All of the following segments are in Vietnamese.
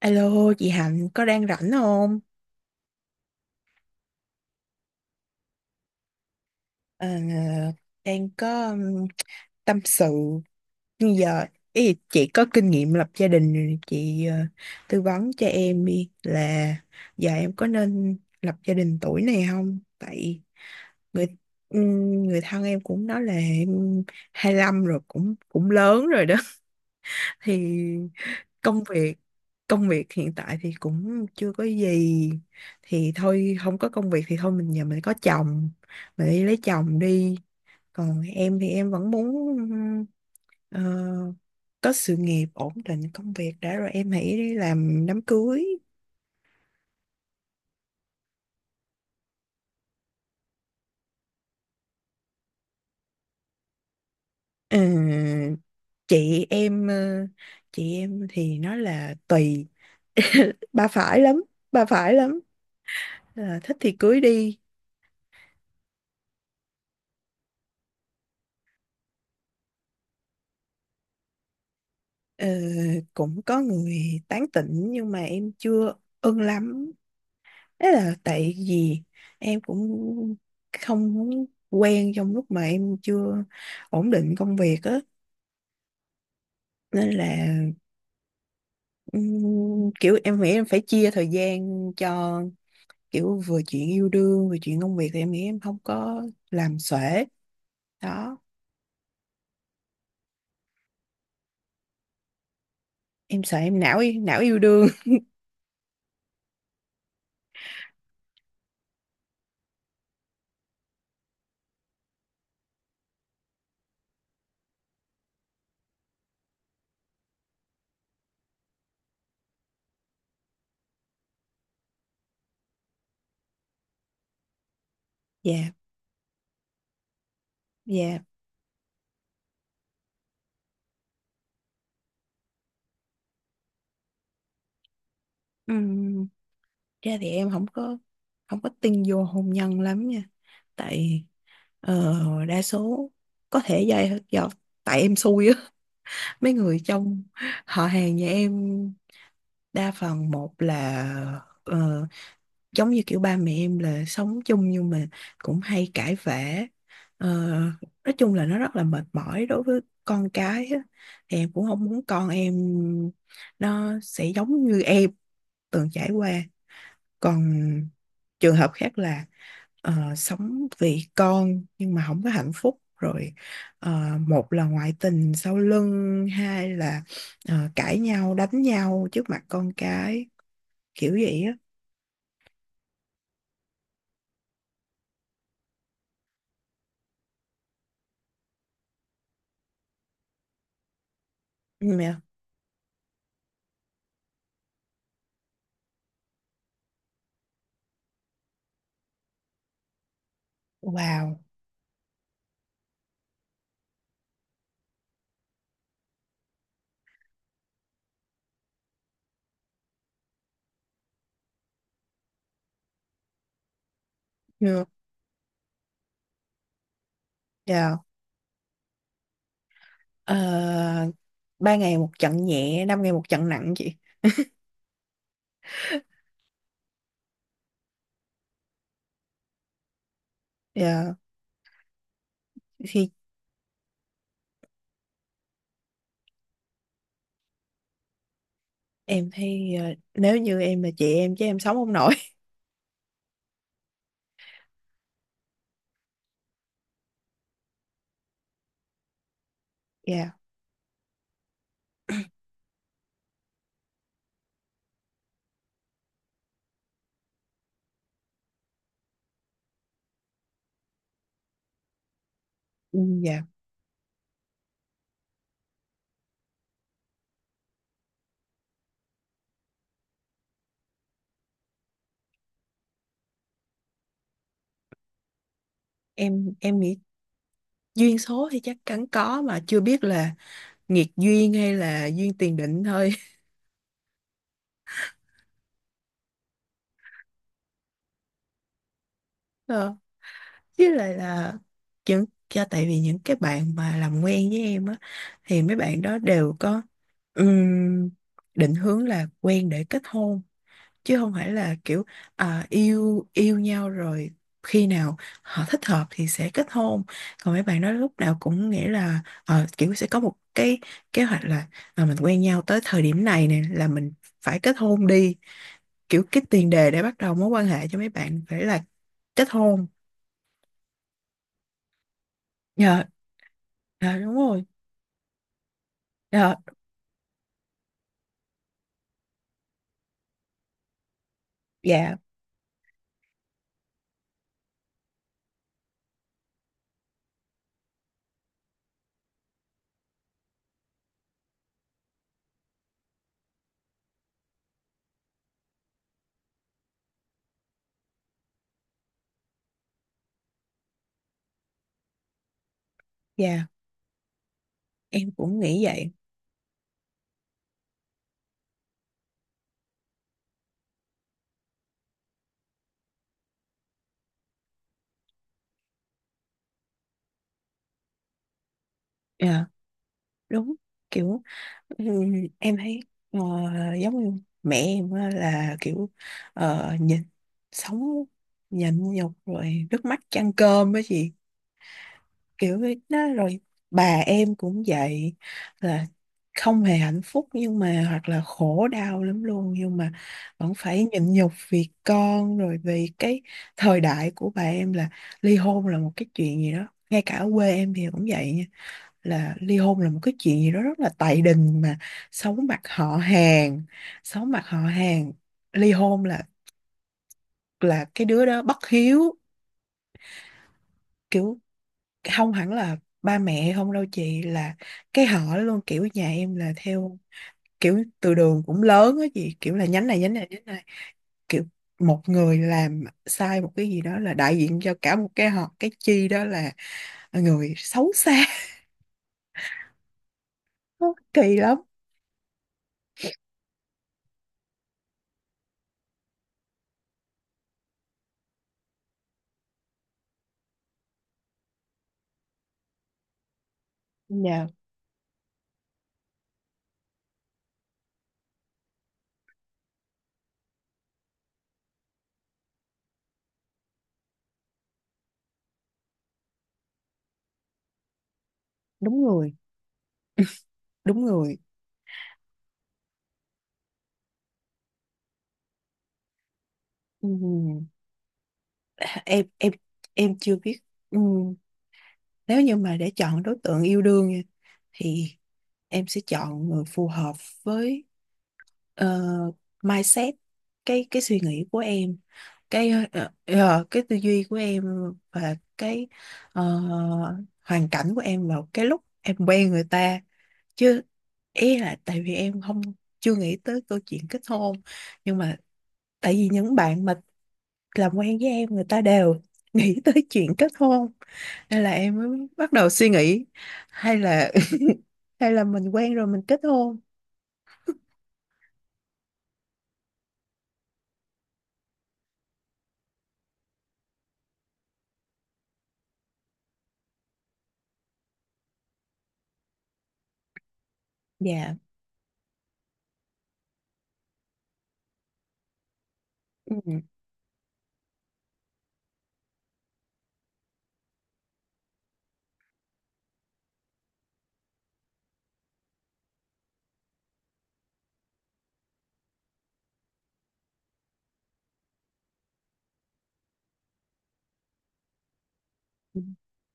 Alo, chị Hạnh có đang rảnh không? Ờ, đang có tâm sự như giờ ý, chị có kinh nghiệm lập gia đình rồi, chị tư vấn cho em đi là giờ em có nên lập gia đình tuổi này không? Tại người người thân em cũng nói là em 25 rồi cũng cũng lớn rồi đó. Thì công việc, công việc hiện tại thì cũng chưa có gì thì thôi, không có công việc thì thôi mình giờ mình có chồng, mình đi lấy chồng đi. Còn em thì em vẫn muốn ờ, có sự nghiệp ổn định công việc đã rồi em hãy đi làm đám cưới. Ờ, chị em chị em thì nói là tùy. Bà phải lắm, bà phải lắm. Là thích thì cưới đi. Ờ, cũng có người tán tỉnh nhưng mà em chưa ưng lắm. Đấy là tại vì em cũng không muốn quen trong lúc mà em chưa ổn định công việc á. Nên là kiểu em nghĩ em phải chia thời gian cho kiểu vừa chuyện yêu đương vừa chuyện công việc thì em nghĩ em không có làm xuể. Đó, em sợ em não não yêu đương. Dạ, dạ. Ừm, ra thì em không có, không có tin vô hôn nhân lắm nha. Tại ờ, đa số có thể do, do tại em xui á, mấy người trong họ hàng nhà em đa phần một là ờ, giống như kiểu ba mẹ em là sống chung nhưng mà cũng hay cãi vã. Ờ, nói chung là nó rất là mệt mỏi đối với con cái á. Thì em cũng không muốn con em nó sẽ giống như em từng trải qua. Còn trường hợp khác là sống vì con nhưng mà không có hạnh phúc rồi, một là ngoại tình sau lưng, hai là cãi nhau đánh nhau trước mặt con cái, kiểu vậy á. Ừ, yeah. Wow. Yeah. Yeah. Ờ, ba ngày một trận nhẹ, năm ngày một trận nặng chị. Yeah. Thì em thấy nếu như em là chị em chứ em sống không nổi. Dạ. Ừ, dạ. Em nghĩ duyên số thì chắc chắn có, mà chưa biết là nghiệt duyên hay là duyên tiền định thôi. Ờ, với lại là những, cho tại vì những cái bạn mà làm quen với em á thì mấy bạn đó đều có ừm, định hướng là quen để kết hôn chứ không phải là kiểu à, yêu yêu nhau rồi khi nào họ thích hợp thì sẽ kết hôn. Còn mấy bạn đó lúc nào cũng nghĩ là ờ, kiểu sẽ có một cái kế hoạch là à, mình quen nhau tới thời điểm này nè là mình phải kết hôn đi, kiểu cái tiền đề để bắt đầu mối quan hệ cho mấy bạn phải là kết hôn. Dạ. Dạ đúng rồi. Dạ. Dạ. Dạ em cũng nghĩ vậy. Dạ đúng. Kiểu em thấy ờ, giống như mẹ em á là kiểu nhìn sống nhịn nhục rồi nước mắt chan cơm á chị, kiểu vậy đó rồi bà em cũng vậy, là không hề hạnh phúc nhưng mà hoặc là khổ đau lắm luôn nhưng mà vẫn phải nhịn nhục vì con rồi vì cái thời đại của bà em là ly hôn là một cái chuyện gì đó, ngay cả ở quê em thì cũng vậy nha, là ly hôn là một cái chuyện gì đó rất là tày đình mà xấu mặt họ hàng, xấu mặt họ hàng. Ly hôn là cái đứa đó bất hiếu. Kiểu không hẳn là ba mẹ không đâu chị, là cái họ luôn, kiểu nhà em là theo kiểu từ đường cũng lớn á chị, kiểu là nhánh này nhánh này nhánh này, kiểu một người làm sai một cái gì đó là đại diện cho cả một cái họ, cái chi đó là người xấu xa. Nó kỳ lắm. Dạ, đúng người, đúng người. Ừm, em em chưa biết. Ừm, nếu như mà để chọn đối tượng yêu đương nha, thì em sẽ chọn người phù hợp với ờ, mindset, cái suy nghĩ của em, cái cái tư duy của em và cái ờ, hoàn cảnh của em vào cái lúc em quen người ta. Chứ ý là tại vì em không, chưa nghĩ tới câu chuyện kết hôn, nhưng mà tại vì những bạn mà làm quen với em người ta đều nghĩ tới chuyện kết hôn nên là em mới bắt đầu suy nghĩ hay là hay là mình quen rồi mình kết hôn. Dạ. Ừ.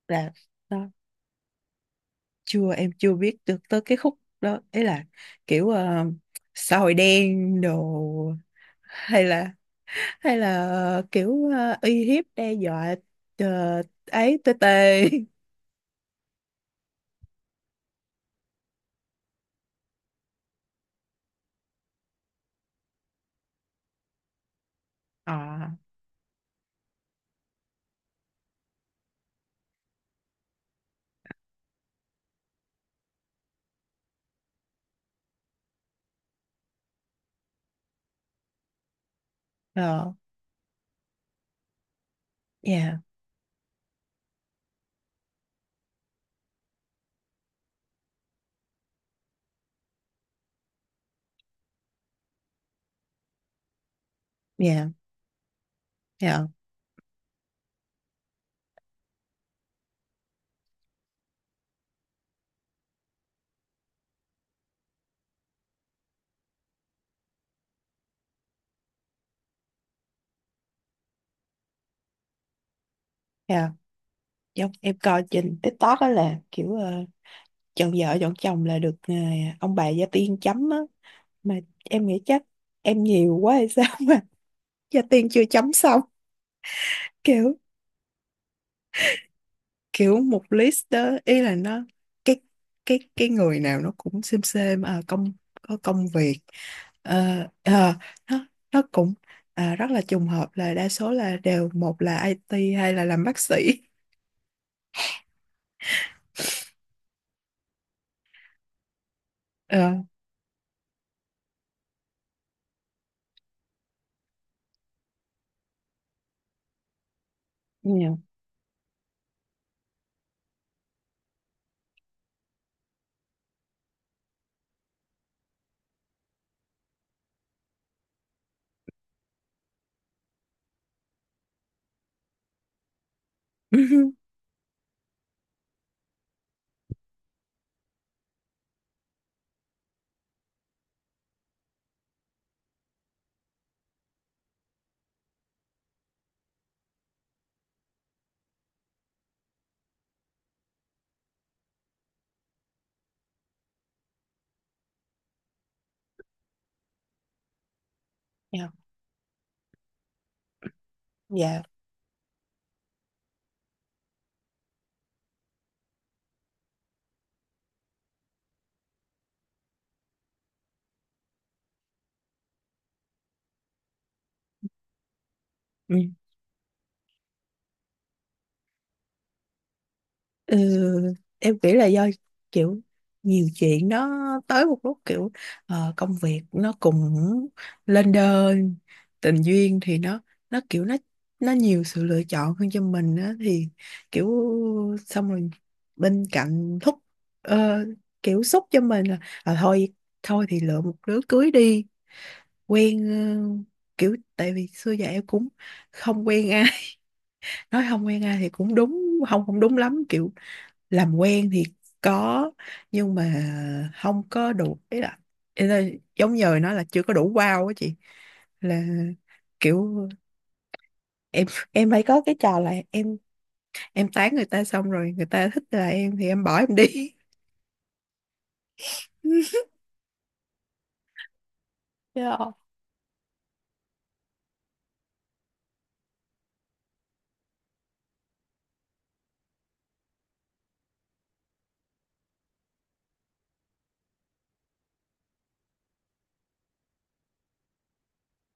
Là đó, chưa, em chưa biết được tới cái khúc đó ấy, là kiểu ờ, xã hội đen đồ, hay là hay là kiểu uy hiếp đe dọa. Ờ, ấy tê tê. À. Ờ. Yeah. Yeah. Yeah. Yeah. Giống em coi trên TikTok á là kiểu chọn vợ chọn chồng là được ông bà gia tiên chấm á mà em nghĩ chắc em nhiều quá hay sao mà gia tiên chưa chấm xong, kiểu, kiểu một list đó ý là nó cái cái người nào nó cũng xem à, công, có công việc. Ờ, ờ, nó nó cũng à, rất là trùng hợp là đa số là đều một là IT hay là làm bác sĩ. Ờ, nhiều. Nhiều. Dạ. Yeah. Ừ, em nghĩ là do kiểu nhiều chuyện nó tới một lúc kiểu công việc nó cũng lên đơn, tình duyên thì nó kiểu nó nhiều sự lựa chọn hơn cho mình á thì kiểu, xong rồi bên cạnh thúc ờ, kiểu xúc cho mình là à, thôi, thôi thì lựa một đứa cưới đi. Quen ờ, kiểu tại vì xưa giờ em cũng không quen ai. Nói không quen ai thì cũng đúng, không không đúng lắm, kiểu làm quen thì có, nhưng mà không có đủ ý là giống như nó là chưa có đủ wow á chị, là kiểu em phải có cái trò là em tán người ta xong rồi người ta thích là em thì em bỏ em đi. Yeah.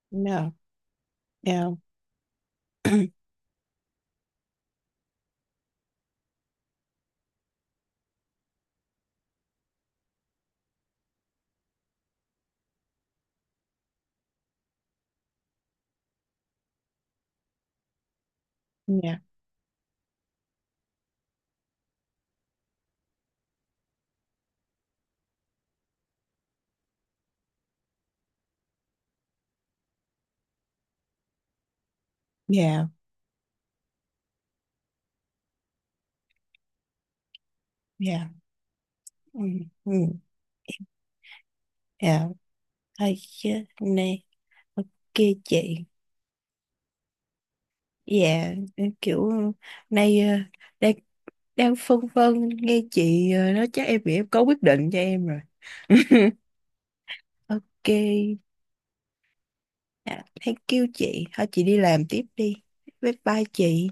No, no. No, no, no. Mm, mm, no. Thôi chứ, này, ok chị. Dạ, kiểu nay đang đang phân vân nghe chị nói chắc em nghĩ em có quyết định cho em rồi. Ok, à, thank you chị. Thôi chị đi làm tiếp đi. Bye bye chị.